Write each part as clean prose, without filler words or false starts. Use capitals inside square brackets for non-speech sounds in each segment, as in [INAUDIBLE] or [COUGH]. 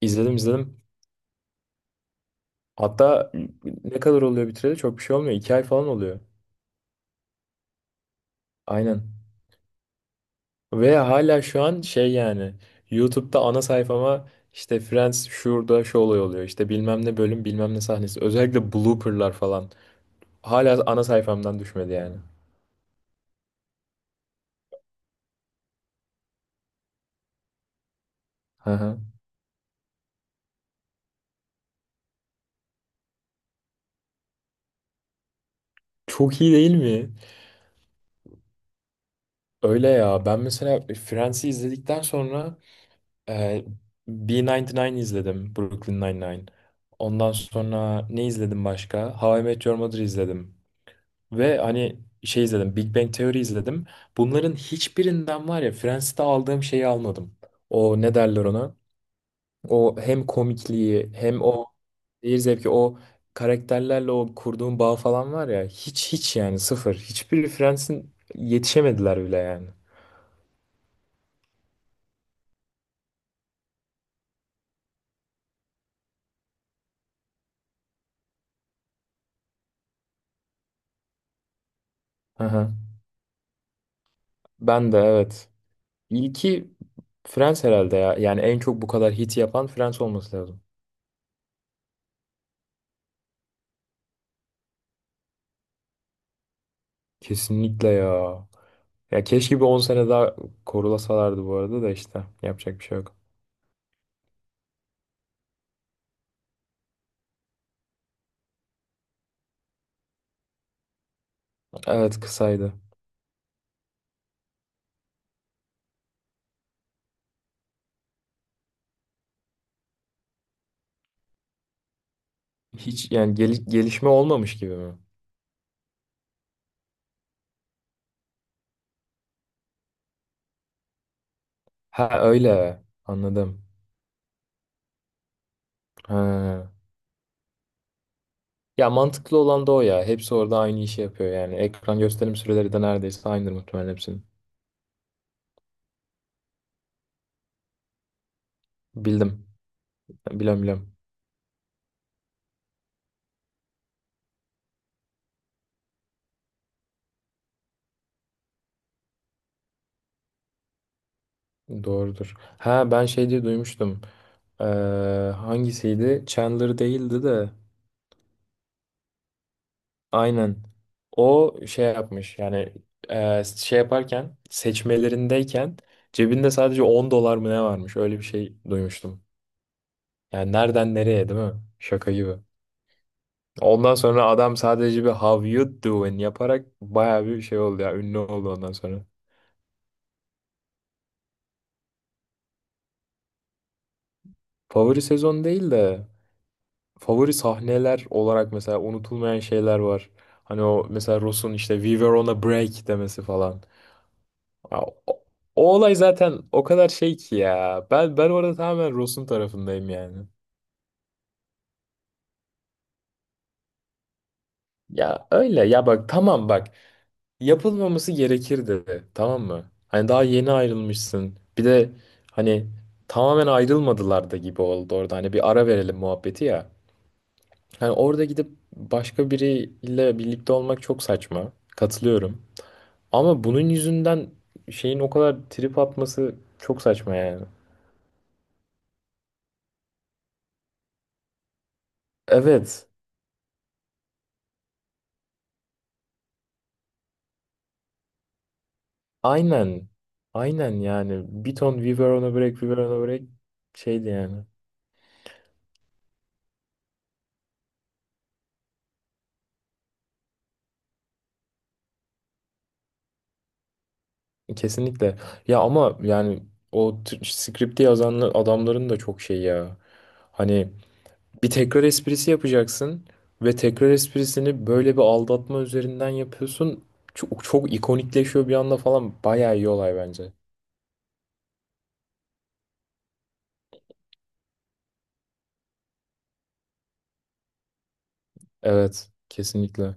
İzledim izledim. Hatta ne kadar oluyor bitireli çok bir şey olmuyor. 2 ay falan oluyor. Aynen. Ve hala şu an şey yani YouTube'da ana sayfama işte Friends şurada şu olay oluyor. İşte bilmem ne bölüm bilmem ne sahnesi. Özellikle blooperlar falan. Hala ana sayfamdan düşmedi yani. Hı hı. Çok iyi değil mi? Öyle ya. Ben mesela Friends'i izledikten sonra e, B99 izledim. Brooklyn Nine-Nine. Ondan sonra ne izledim başka? How I Met Your Mother izledim. Ve hani şey izledim, Big Bang Theory izledim. Bunların hiçbirinden var ya Friends'te aldığım şeyi almadım. O ne derler ona? O hem komikliği hem o seyir zevki o karakterlerle o kurduğum bağ falan var ya hiç hiç yani sıfır. Hiçbir Friends'in yetişemediler bile yani. Aha. Ben de evet. İlki Friends herhalde ya. Yani en çok bu kadar hit yapan Friends olması lazım. Kesinlikle ya. Ya keşke bir 10 sene daha korulasalardı bu arada da işte yapacak bir şey yok. Evet kısaydı. Hiç yani gelişme olmamış gibi mi? Ha öyle anladım. Ha. Ya mantıklı olan da o ya. Hepsi orada aynı işi yapıyor yani. Ekran gösterim süreleri de neredeyse aynıdır muhtemelen hepsinin. Bildim. Bilem bilem. Doğrudur. Ha ben şey diye duymuştum. Ee, Hangisiydi? Chandler değildi de. Aynen. O şey yapmış yani şey yaparken seçmelerindeyken cebinde sadece 10 dolar mı ne varmış öyle bir şey duymuştum. Yani nereden nereye değil mi? Şaka gibi. Ondan sonra adam sadece bir how you doing yaparak baya bir şey oldu ya ünlü oldu ondan sonra. Favori sezon değil de favori sahneler olarak mesela unutulmayan şeyler var. Hani o mesela Ross'un işte We were on a break demesi falan. Ya, o olay zaten o kadar şey ki ya. Ben orada tamamen Ross'un tarafındayım yani. Ya öyle ya bak tamam bak yapılmaması gerekirdi tamam mı? Hani daha yeni ayrılmışsın. Bir de hani tamamen ayrılmadılar da gibi oldu orada. Hani bir ara verelim muhabbeti ya. Hani orada gidip başka biriyle birlikte olmak çok saçma. Katılıyorum. Ama bunun yüzünden şeyin o kadar trip atması çok saçma yani. Evet. Aynen. Aynen yani. Bir ton We Were on a Break, We Were on a Break şeydi yani. Kesinlikle. Ya ama yani o skripti yazan adamların da çok şey ya. Hani bir tekrar esprisi yapacaksın ve tekrar esprisini böyle bir aldatma üzerinden yapıyorsun. Çok, çok ikonikleşiyor bir anda falan. Bayağı iyi olay bence. Evet, kesinlikle.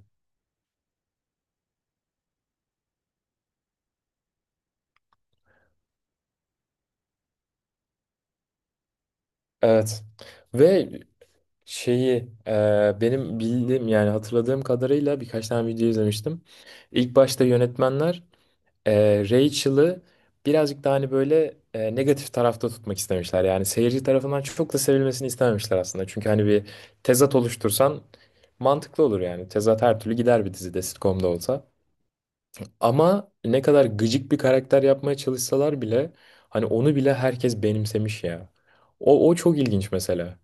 Evet. Ve şeyi benim bildiğim yani hatırladığım kadarıyla birkaç tane video izlemiştim. İlk başta yönetmenler Rachel'ı birazcık daha hani böyle negatif tarafta tutmak istemişler. Yani seyirci tarafından çok da sevilmesini istememişler aslında. Çünkü hani bir tezat oluştursan mantıklı olur yani. Tezat her türlü gider bir dizide sitcom'da olsa. Ama ne kadar gıcık bir karakter yapmaya çalışsalar bile hani onu bile herkes benimsemiş ya. O çok ilginç mesela.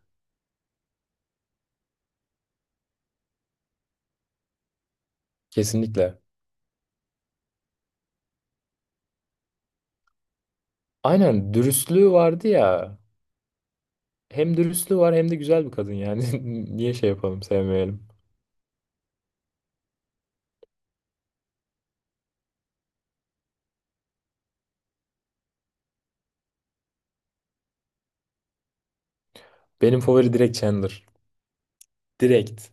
Kesinlikle. Aynen dürüstlüğü vardı ya. Hem dürüstlüğü var hem de güzel bir kadın yani. [LAUGHS] Niye şey yapalım sevmeyelim. Benim favori direkt Chandler. Direkt.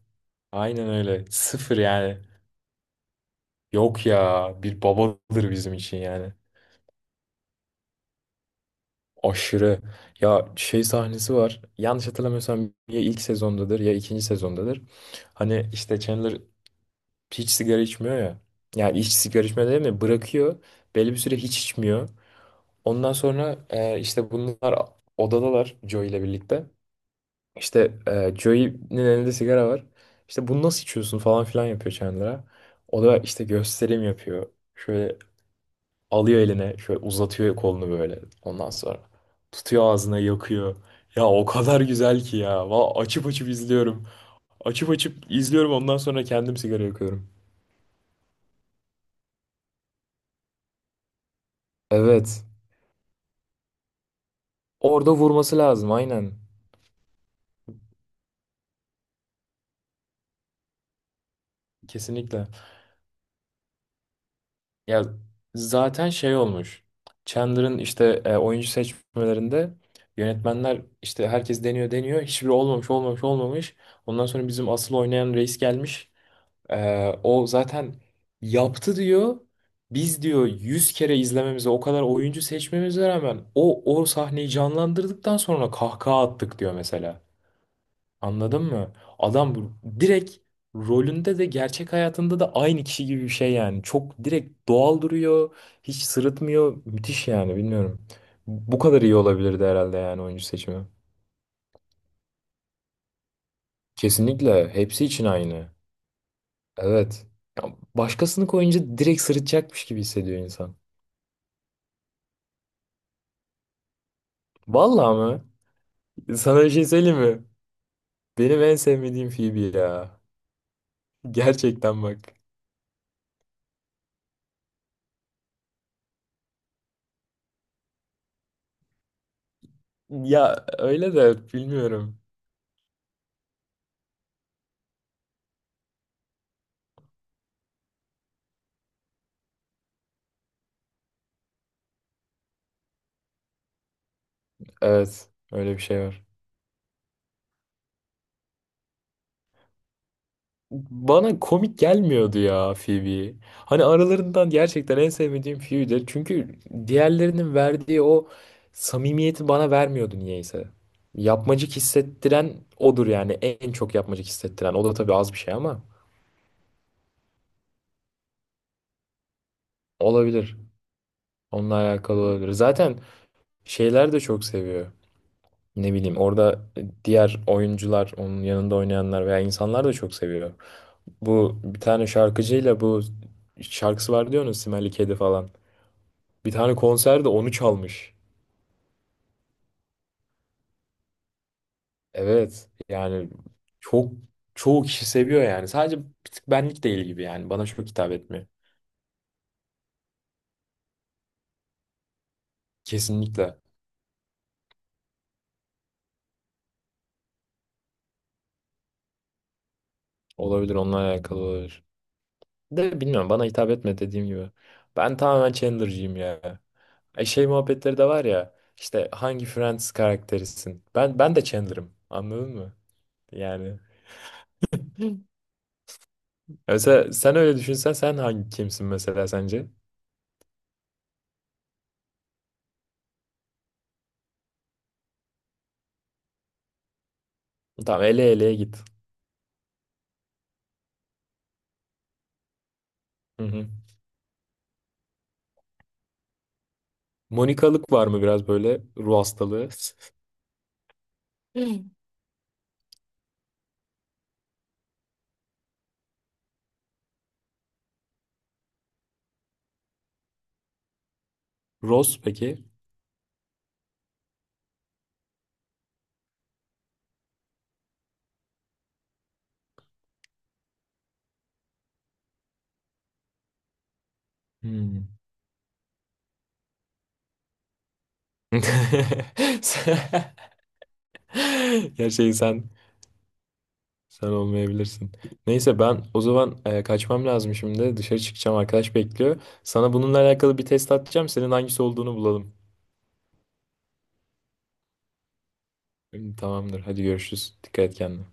Aynen öyle. Sıfır yani. Yok ya bir babadır bizim için yani. Aşırı. Ya şey sahnesi var. Yanlış hatırlamıyorsam ya ilk sezondadır ya ikinci sezondadır. Hani işte Chandler hiç sigara içmiyor ya. Yani hiç sigara içmiyor değil mi? Bırakıyor. Belli bir süre hiç içmiyor. Ondan sonra işte bunlar odadalar Joey ile birlikte. İşte Joey'nin elinde sigara var. İşte bunu nasıl içiyorsun falan filan yapıyor Chandler'a. O da işte gösterim yapıyor. Şöyle alıyor eline, şöyle uzatıyor kolunu böyle. Ondan sonra tutuyor ağzına yakıyor. Ya o kadar güzel ki ya. Va açıp açıp izliyorum. Açıp açıp izliyorum ondan sonra kendim sigara yakıyorum. Evet. Orada vurması lazım aynen. Kesinlikle. Ya zaten şey olmuş. Chandler'ın işte oyuncu seçmelerinde yönetmenler işte herkes deniyor deniyor. Hiçbiri olmamış olmamış olmamış. Ondan sonra bizim asıl oynayan reis gelmiş. O zaten yaptı diyor. Biz diyor 100 kere izlememize o kadar oyuncu seçmemize rağmen o sahneyi canlandırdıktan sonra kahkaha attık diyor mesela. Anladın mı? Adam direkt rolünde de gerçek hayatında da aynı kişi gibi bir şey yani. Çok direkt doğal duruyor. Hiç sırıtmıyor. Müthiş yani bilmiyorum. Bu kadar iyi olabilirdi herhalde yani oyuncu seçimi. Kesinlikle. Hepsi için aynı. Evet. Ya başkasını koyunca direkt sırıtacakmış gibi hissediyor insan. Vallahi mı? Sana bir şey söyleyeyim mi? Benim en sevmediğim Phoebe ya. Gerçekten bak. Ya öyle de bilmiyorum. Evet. Öyle bir şey var. Bana komik gelmiyordu ya Phoebe. Hani aralarından gerçekten en sevmediğim Phoebe'dir. Çünkü diğerlerinin verdiği o samimiyeti bana vermiyordu niyeyse. Yapmacık hissettiren odur yani. En çok yapmacık hissettiren. O da tabii az bir şey ama olabilir. Onunla alakalı olabilir. Zaten şeyler de çok seviyor. Ne bileyim orada diğer oyuncular, onun yanında oynayanlar veya insanlar da çok seviyor. Bu bir tane şarkıcıyla bu şarkısı var diyorsunuz Smelly Kedi falan. Bir tane konserde onu çalmış. Evet. Yani çok çoğu kişi seviyor yani. Sadece bir tık benlik değil gibi yani. Bana çok hitap etmiyor. Kesinlikle. Olabilir onunla alakalı olabilir. De bilmiyorum bana hitap etme dediğim gibi. Ben tamamen Chandler'cıyım ya. E şey muhabbetleri de var ya. İşte hangi Friends karakterisin? Ben de Chandler'ım. Anladın mı? Yani. [LAUGHS] Hı. Mesela sen öyle düşünsen sen hangi kimsin mesela sence? Tamam ele eleye git. Hı hı. Monikalık var mı biraz böyle ruh hastalığı? [LAUGHS] Ross peki? Hmm. [LAUGHS] Gerçekten sen olmayabilirsin. Neyse ben o zaman kaçmam lazım şimdi. Dışarı çıkacağım arkadaş bekliyor. Sana bununla alakalı bir test atacağım. Senin hangisi olduğunu bulalım. Tamamdır. Hadi görüşürüz. Dikkat et kendine.